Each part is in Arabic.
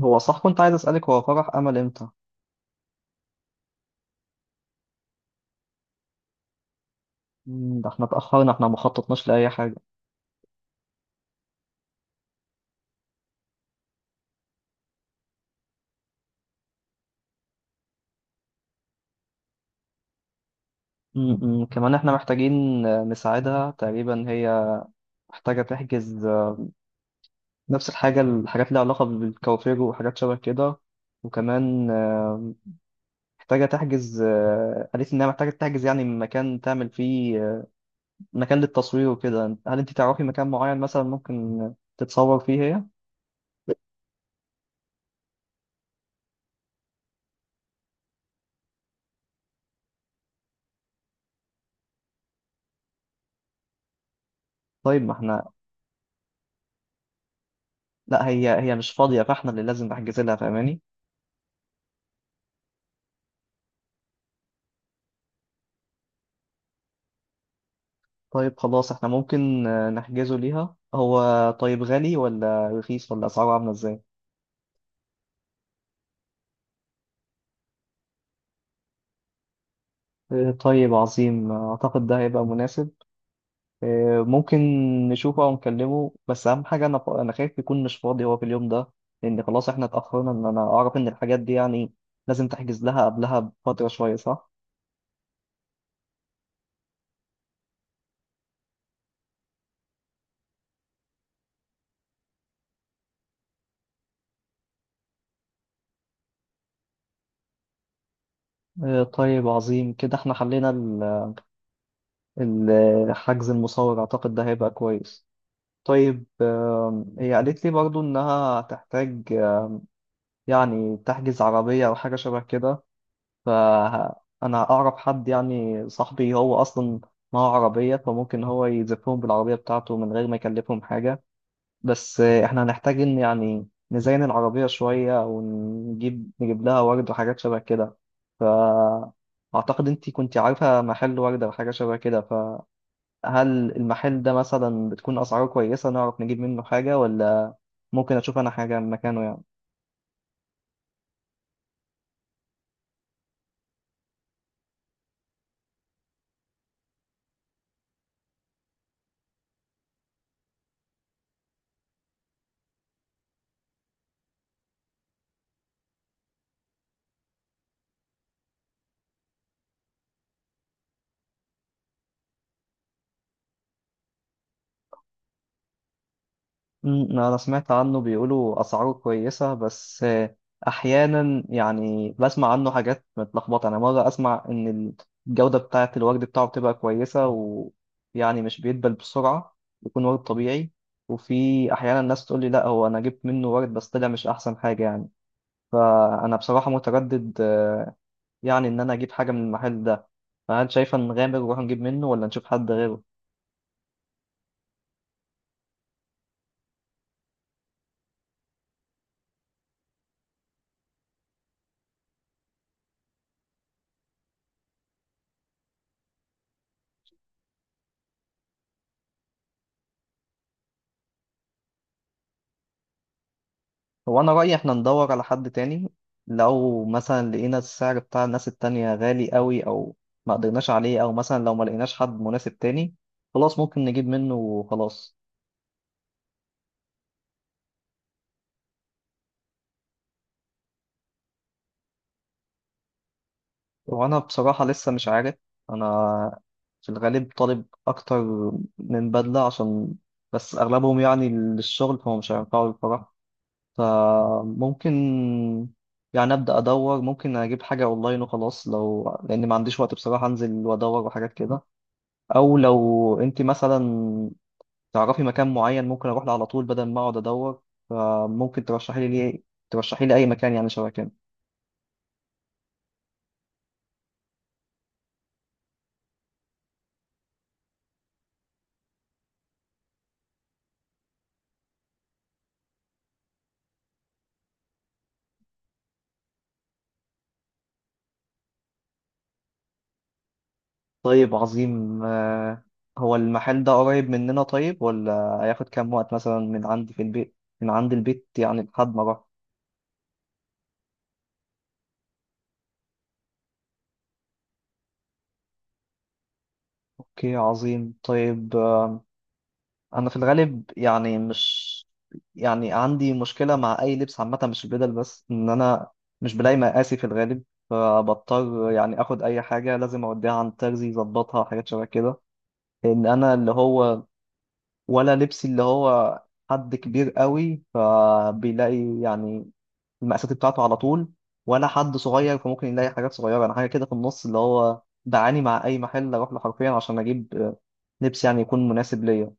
هو صح كنت عايز أسألك، هو فرح أمل إمتى؟ ده احنا اتأخرنا، احنا ما خططناش لأي حاجة. كمان احنا محتاجين نساعدها تقريبا. هي محتاجة تحجز نفس الحاجات اللي علاقة بالكوافير وحاجات شبه كده. وكمان محتاجة تحجز، قالت لي إنها محتاجة تحجز يعني مكان تعمل فيه مكان للتصوير وكده. هل أنت تعرفي مكان معين مثلا ممكن تتصور فيه هي؟ طيب ما احنا، لا هي مش فاضية، فاحنا اللي لازم نحجز لها، فاهماني؟ طيب خلاص احنا ممكن نحجزه ليها. هو طيب غالي ولا رخيص، ولا اسعاره عامله ازاي؟ طيب عظيم، اعتقد ده هيبقى مناسب. ممكن نشوفه او نكلمه، بس اهم حاجه، انا خايف يكون مش فاضي هو في اليوم ده، لان خلاص احنا اتاخرنا. ان انا اعرف ان الحاجات دي يعني لازم تحجز لها قبلها بفتره شويه، صح؟ طيب عظيم، كده احنا حلينا حجز المصور، اعتقد ده هيبقى كويس. طيب هي قالت لي برضو انها هتحتاج يعني تحجز عربية أو حاجة شبه كده. فأنا أعرف حد، يعني صاحبي هو أصلا معاه عربية، فممكن هو يزفهم بالعربية بتاعته من غير ما يكلفهم حاجة. بس إحنا هنحتاج إن يعني نزين العربية شوية، ونجيب لها ورد وحاجات شبه كده. أعتقد أنتي كنتي عارفة محل وردة وحاجة شبه كده. فهل المحل ده مثلا بتكون أسعاره كويسة نعرف نجيب منه حاجة، ولا ممكن أشوف أنا حاجة مكانه يعني؟ أنا سمعت عنه، بيقولوا أسعاره كويسة، بس أحيانا يعني بسمع عنه حاجات متلخبطة. أنا مرة أسمع إن الجودة بتاعة الورد بتاعه بتبقى كويسة، ويعني مش بيدبل بسرعة، بيكون ورد طبيعي. وفي أحيانا الناس تقول لي لأ، هو أنا جبت منه ورد بس طلع مش أحسن حاجة يعني. فأنا بصراحة متردد يعني إن أنا أجيب حاجة من المحل ده. فهل شايفة نغامر ونروح نجيب منه، ولا نشوف حد غيره؟ هو أنا رأيي إحنا ندور على حد تاني، لو مثلا لقينا السعر بتاع الناس التانية غالي قوي، أو ما قدرناش عليه، أو مثلا لو ما لقيناش حد مناسب تاني، خلاص ممكن نجيب منه وخلاص. وأنا بصراحة لسه مش عارف. أنا في الغالب طالب أكتر من بدلة، عشان بس أغلبهم يعني للشغل، فهم مش هينفعوا الفرح. فممكن يعني أبدأ أدور، ممكن أجيب حاجة أونلاين وخلاص، لو لأني ما عنديش وقت بصراحة أنزل وأدور وحاجات كده. او لو انت مثلا تعرفي مكان معين ممكن اروح له على طول بدل ما اقعد ادور، فممكن ترشحي لي ليه، ترشحي لي اي مكان يعني شبه كده. طيب عظيم. هو المحل ده قريب مننا طيب، ولا هياخد كام وقت مثلا من عندي في البيت، من عند البيت يعني لحد ما اروح؟ اوكي، عظيم. طيب انا في الغالب يعني مش، يعني عندي مشكله مع اي لبس عامه، مش البدل بس، ان انا مش بلاقي مقاسي في الغالب، فبضطر يعني اخد اي حاجه لازم اوديها عند ترزي يظبطها، حاجات شبه كده. لان انا اللي هو، ولا لبسي اللي هو، حد كبير قوي فبيلاقي يعني المقاسات بتاعته على طول، ولا حد صغير فممكن يلاقي حاجات صغيره. انا حاجه كده في النص اللي هو، بعاني مع اي محل اروح له حرفيا عشان اجيب لبس يعني يكون مناسب ليا.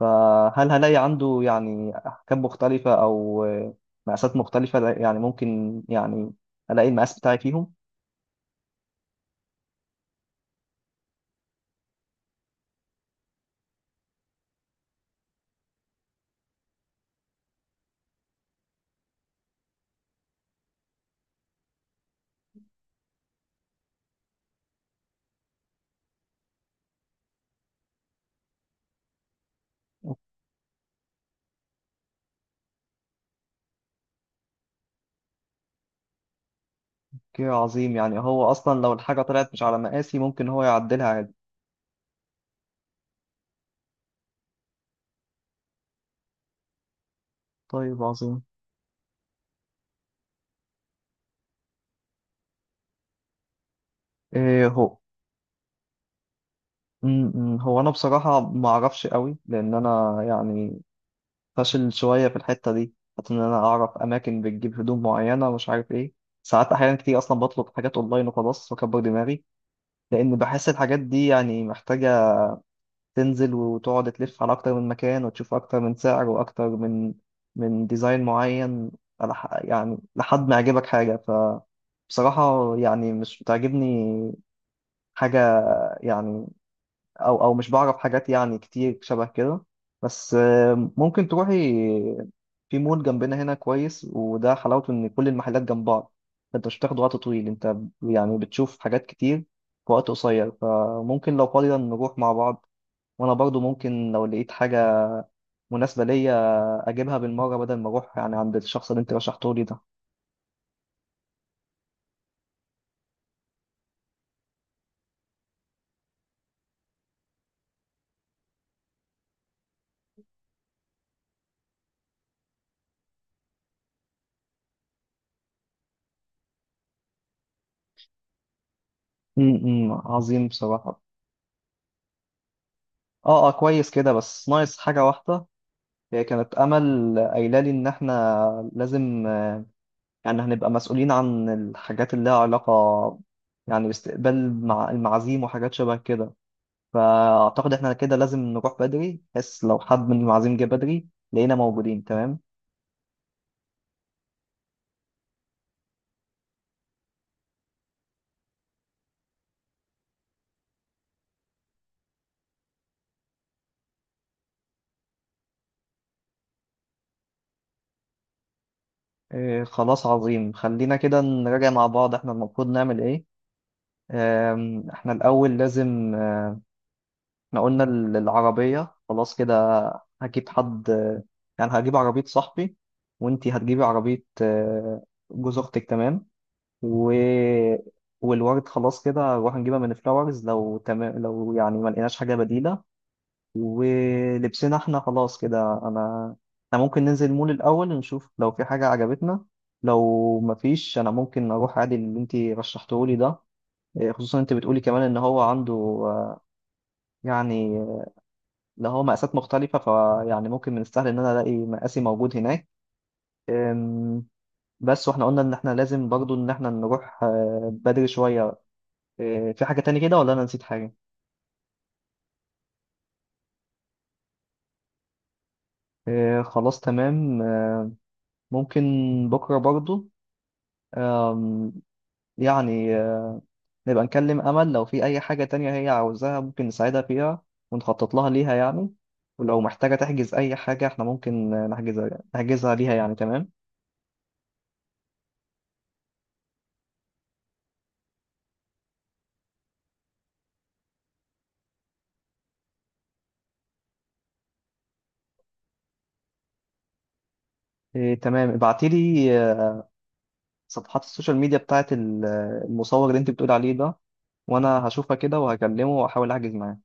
فهل هلاقي عنده يعني أحكام مختلفة أو مقاسات مختلفة، يعني ممكن يعني ألاقي المقاس بتاعي فيهم؟ أوكي عظيم، يعني هو أصلا لو الحاجة طلعت مش على مقاسي ممكن هو يعدلها عادي. طيب عظيم. إيه، م- هو أنا بصراحة ما أعرفش قوي، لأن أنا يعني فاشل شوية في الحتة دي. حتى إن أنا أعرف أماكن بتجيب هدوم معينة مش عارف إيه، ساعات أحيانا كتير أصلا بطلب حاجات أونلاين وخلاص وأكبر دماغي، لأن بحس الحاجات دي يعني محتاجة تنزل وتقعد تلف على أكتر من مكان، وتشوف أكتر من سعر، وأكتر من ديزاين معين، يعني لحد ما يعجبك حاجة. فبصراحة يعني مش بتعجبني حاجة يعني، أو مش بعرف حاجات يعني كتير شبه كده. بس ممكن تروحي في مول جنبنا هنا كويس، وده حلاوته إن كل المحلات جنب بعض، فأنت مش بتاخد وقت طويل، أنت يعني بتشوف حاجات كتير في وقت قصير. فممكن لو فاضية نروح مع بعض. وانا برضو ممكن لو لقيت حاجه مناسبه ليا اجيبها بالمره، بدل ما اروح يعني عند الشخص اللي انت رشحته لي ده. عظيم بصراحه. اه، اه، كويس كده، بس ناقص حاجه واحده. هي كانت امل قايله لي ان احنا لازم يعني هنبقى مسؤولين عن الحاجات اللي لها علاقه، يعني باستقبال مع المعازيم وحاجات شبه كده. فاعتقد احنا كده لازم نروح بدري، بس لو حد من المعازيم جه بدري لقينا موجودين، تمام. إيه خلاص عظيم. خلينا كده نراجع مع بعض احنا المفروض نعمل ايه. احنا الأول لازم، احنا قلنا العربية خلاص كده، هجيب حد يعني هجيب عربية صاحبي، وانتي هتجيبي عربية جوز أختك، تمام. و... والورد خلاص كده هنروح نجيبها من فلاورز، لو تمام، لو يعني ما لقيناش حاجة بديلة. ولبسنا احنا خلاص كده، انا احنا ممكن ننزل المول الاول نشوف لو في حاجه عجبتنا، لو مفيش انا ممكن اروح عادي اللي انت رشحته لي ده. إيه، خصوصا انت بتقولي كمان ان هو عنده آه، يعني اللي هو مقاسات مختلفه، فيعني ممكن من السهل ان انا الاقي مقاسي موجود هناك. أم، بس واحنا قلنا ان احنا لازم برضو ان احنا نروح بدري شويه. في حاجه تاني كده ولا انا نسيت حاجه؟ خلاص تمام. ممكن بكره برضو يعني نبقى نكلم أمل لو في أي حاجة تانية هي عاوزاها ممكن نساعدها فيها، ونخطط ليها يعني. ولو محتاجة تحجز أي حاجة احنا ممكن نحجزها ليها يعني، تمام. إيه تمام، ابعتيلي صفحات السوشيال ميديا بتاعت المصور اللي انت بتقول عليه ده، وأنا هشوفها كده وهكلمه وأحاول أحجز معاه.